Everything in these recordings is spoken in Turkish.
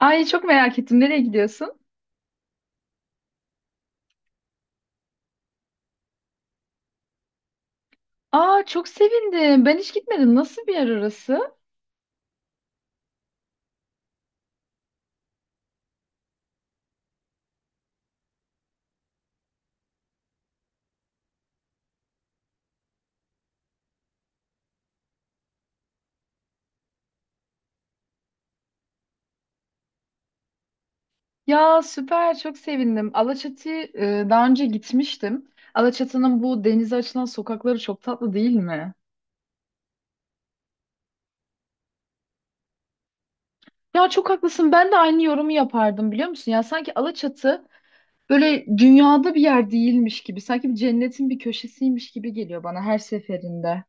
Ay çok merak ettim. Nereye gidiyorsun? Aa çok sevindim. Ben hiç gitmedim. Nasıl bir yer orası? Ya süper çok sevindim. Alaçatı'ya daha önce gitmiştim. Alaçatı'nın bu denize açılan sokakları çok tatlı değil mi? Ya çok haklısın. Ben de aynı yorumu yapardım biliyor musun? Ya sanki Alaçatı böyle dünyada bir yer değilmiş gibi. Sanki bir cennetin bir köşesiymiş gibi geliyor bana her seferinde.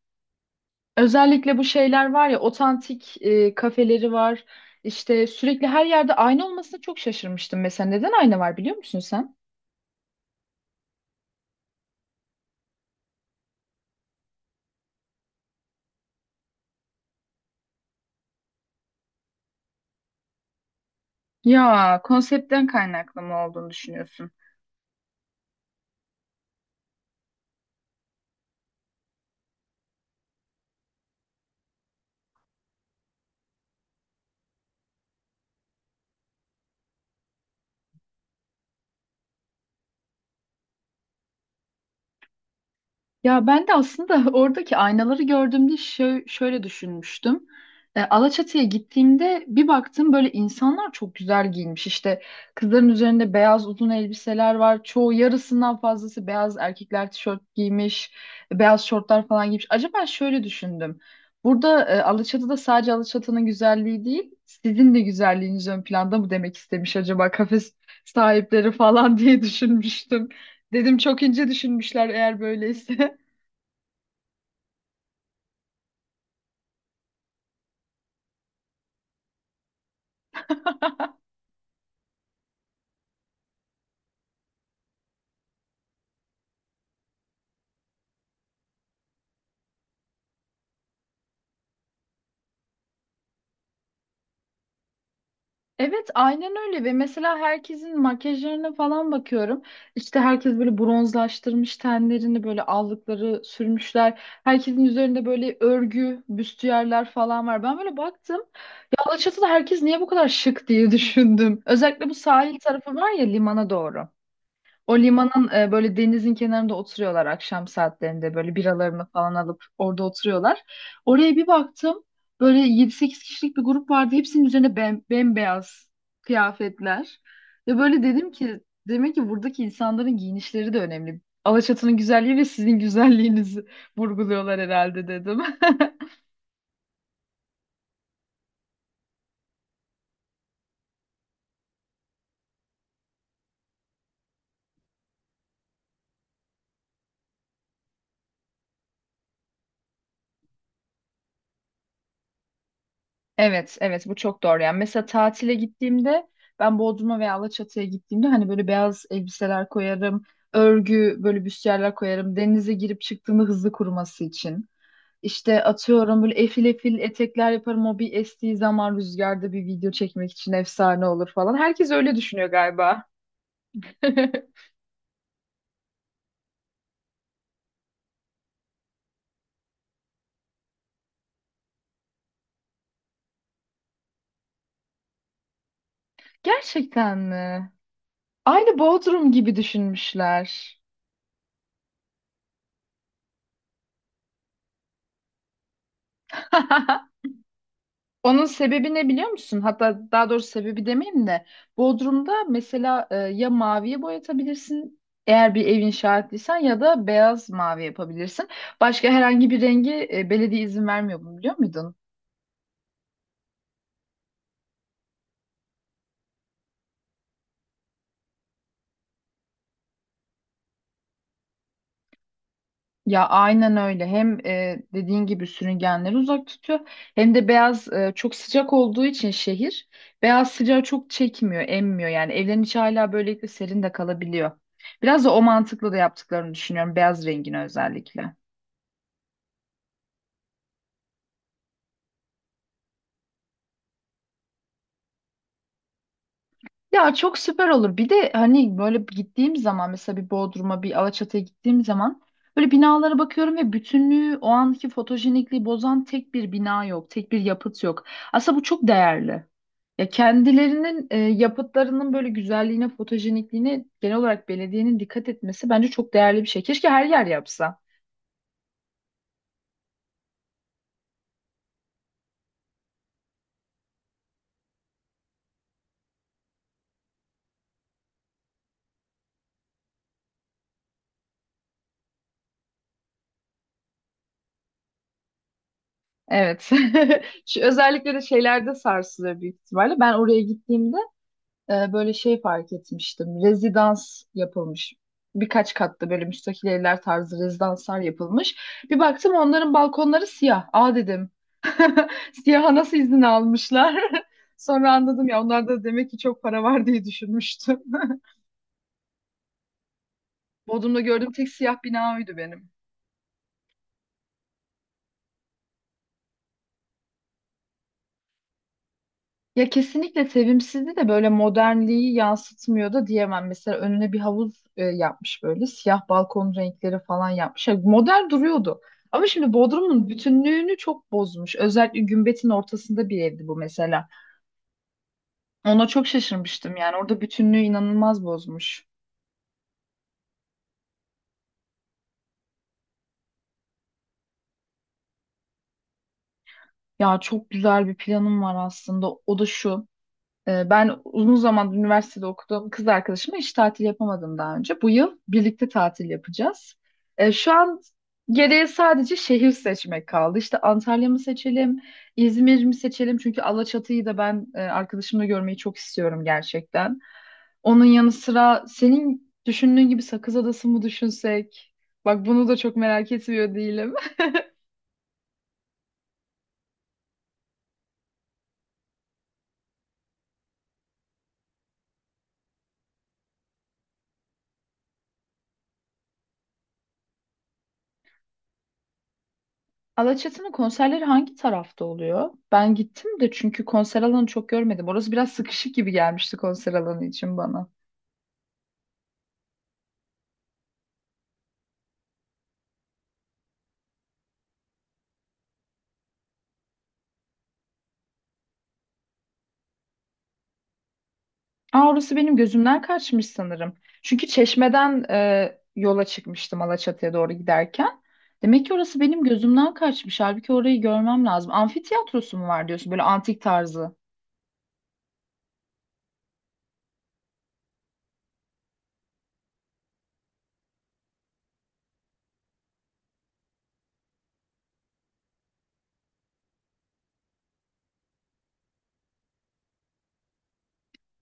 Özellikle bu şeyler var ya otantik kafeleri var. İşte sürekli her yerde ayna olmasına çok şaşırmıştım mesela. Neden ayna var biliyor musun sen? Ya konseptten kaynaklı mı olduğunu düşünüyorsun? Ya ben de aslında oradaki aynaları gördüğümde şöyle düşünmüştüm. Alaçatı'ya gittiğimde bir baktım böyle insanlar çok güzel giyinmiş. İşte kızların üzerinde beyaz uzun elbiseler var. Çoğu yarısından fazlası beyaz erkekler tişört giymiş, beyaz şortlar falan giymiş. Acaba şöyle düşündüm. Burada Alaçatı'da sadece Alaçatı'nın güzelliği değil, sizin de güzelliğiniz ön planda mı demek istemiş acaba kafe sahipleri falan diye düşünmüştüm. Dedim çok ince düşünmüşler eğer böyleyse. Evet, aynen öyle ve mesela herkesin makyajlarına falan bakıyorum. İşte herkes böyle bronzlaştırmış tenlerini, böyle allıkları sürmüşler. Herkesin üzerinde böyle örgü, büstiyerler falan var. Ben böyle baktım. Ya Alaçatı'da herkes niye bu kadar şık diye düşündüm. Özellikle bu sahil tarafı var ya limana doğru. O limanın böyle denizin kenarında oturuyorlar akşam saatlerinde böyle biralarını falan alıp orada oturuyorlar. Oraya bir baktım böyle yedi sekiz kişilik bir grup vardı. Hepsinin üzerine bem bembeyaz kıyafetler. Ve böyle dedim ki demek ki buradaki insanların giyinişleri de önemli. Alaçatı'nın güzelliği ve sizin güzelliğinizi vurguluyorlar herhalde dedim. Evet, evet bu çok doğru. Yani mesela tatile gittiğimde ben Bodrum'a veya Alaçatı'ya gittiğimde hani böyle beyaz elbiseler koyarım, örgü böyle büstiyerler koyarım. Denize girip çıktığımda hızlı kuruması için. İşte atıyorum böyle efil efil etekler yaparım. O bir estiği zaman rüzgarda bir video çekmek için efsane olur falan. Herkes öyle düşünüyor galiba. Gerçekten mi? Aynı Bodrum gibi düşünmüşler. Onun sebebi ne biliyor musun? Hatta daha doğrusu sebebi demeyeyim de Bodrum'da mesela ya maviye boyatabilirsin eğer bir ev inşa ettiysen ya da beyaz mavi yapabilirsin. Başka herhangi bir rengi belediye izin vermiyor bunu biliyor muydun? Ya aynen öyle. Hem dediğin gibi sürüngenleri uzak tutuyor hem de beyaz çok sıcak olduğu için şehir beyaz sıcağı çok çekmiyor, emmiyor. Yani evlerin içi hala böylelikle serin de kalabiliyor. Biraz da o mantıkla da yaptıklarını düşünüyorum beyaz rengini özellikle. Ya çok süper olur. Bir de hani böyle gittiğim zaman mesela bir Bodrum'a bir Alaçatı'ya gittiğim zaman böyle binalara bakıyorum ve bütünlüğü o anki fotojenikliği bozan tek bir bina yok. Tek bir yapıt yok. Aslında bu çok değerli. Ya kendilerinin yapıtlarının böyle güzelliğine, fotojenikliğine genel olarak belediyenin dikkat etmesi bence çok değerli bir şey. Keşke her yer yapsa. Evet. Şu, özellikle de şeylerde sarsılıyor büyük ihtimalle. Ben oraya gittiğimde böyle şey fark etmiştim. Rezidans yapılmış. Birkaç katlı böyle müstakil evler tarzı rezidanslar yapılmış. Bir baktım onların balkonları siyah. Aa dedim. Siyaha nasıl izin almışlar? Sonra anladım ya onlar da demek ki çok para var diye düşünmüştüm. Bodrum'da gördüğüm tek siyah bina oydu benim. Ya kesinlikle sevimsizdi de böyle modernliği yansıtmıyor da diyemem. Mesela önüne bir havuz yapmış böyle siyah balkon renkleri falan yapmış. Ya modern duruyordu. Ama şimdi Bodrum'un bütünlüğünü çok bozmuş. Özellikle Gümbet'in ortasında bir evdi bu mesela. Ona çok şaşırmıştım yani orada bütünlüğü inanılmaz bozmuş. Ya çok güzel bir planım var aslında. O da şu. Ben uzun zamandır üniversitede okuduğum kız arkadaşıma hiç tatil yapamadım daha önce. Bu yıl birlikte tatil yapacağız. Şu an geriye sadece şehir seçmek kaldı. İşte Antalya mı seçelim, İzmir mi seçelim? Çünkü Alaçatı'yı da ben arkadaşımla görmeyi çok istiyorum gerçekten. Onun yanı sıra senin düşündüğün gibi Sakız Adası mı düşünsek? Bak bunu da çok merak etmiyor değilim. Alaçatı'nın konserleri hangi tarafta oluyor? Ben gittim de çünkü konser alanı çok görmedim. Orası biraz sıkışık gibi gelmişti konser alanı için bana. Aa, orası benim gözümden kaçmış sanırım. Çünkü Çeşme'den yola çıkmıştım Alaçatı'ya doğru giderken. Demek ki orası benim gözümden kaçmış. Halbuki orayı görmem lazım. Amfitiyatrosu mu var diyorsun? Böyle antik tarzı.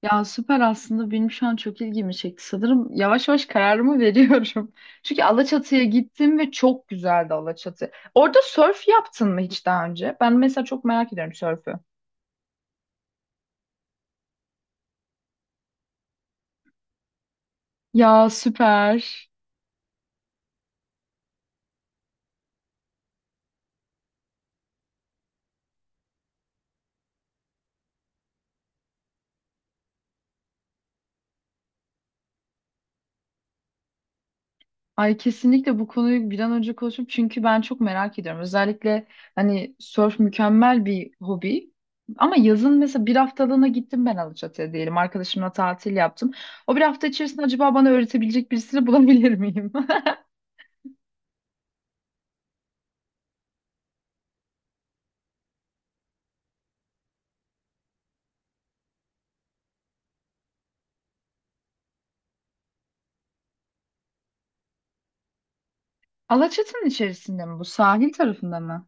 Ya süper aslında benim şu an çok ilgimi çekti. Sanırım yavaş yavaş kararımı veriyorum. Çünkü Alaçatı'ya gittim ve çok güzeldi Alaçatı. Orada sörf yaptın mı hiç daha önce? Ben mesela çok merak ediyorum sörfü. Ya süper. Ay kesinlikle bu konuyu bir an önce konuşup çünkü ben çok merak ediyorum. Özellikle hani sörf mükemmel bir hobi. Ama yazın mesela bir haftalığına gittim ben Alaçatı'ya diyelim. Arkadaşımla tatil yaptım. O bir hafta içerisinde acaba bana öğretebilecek birisini bulabilir miyim? Alaçatı'nın içerisinde mi bu? Sahil tarafında mı?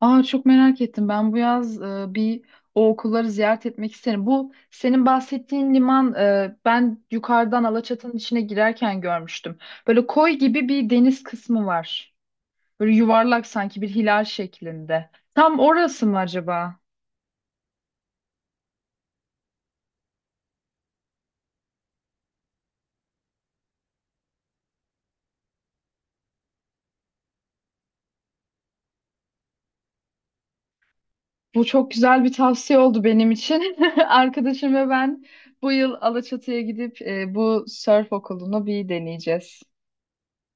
Aa çok merak ettim. Ben bu yaz bir o okulları ziyaret etmek isterim. Bu senin bahsettiğin liman ben yukarıdan Alaçatı'nın içine girerken görmüştüm. Böyle koy gibi bir deniz kısmı var. Böyle yuvarlak sanki bir hilal şeklinde. Tam orası mı acaba? Bu çok güzel bir tavsiye oldu benim için. Arkadaşım ve ben bu yıl Alaçatı'ya gidip bu surf okulunu bir deneyeceğiz.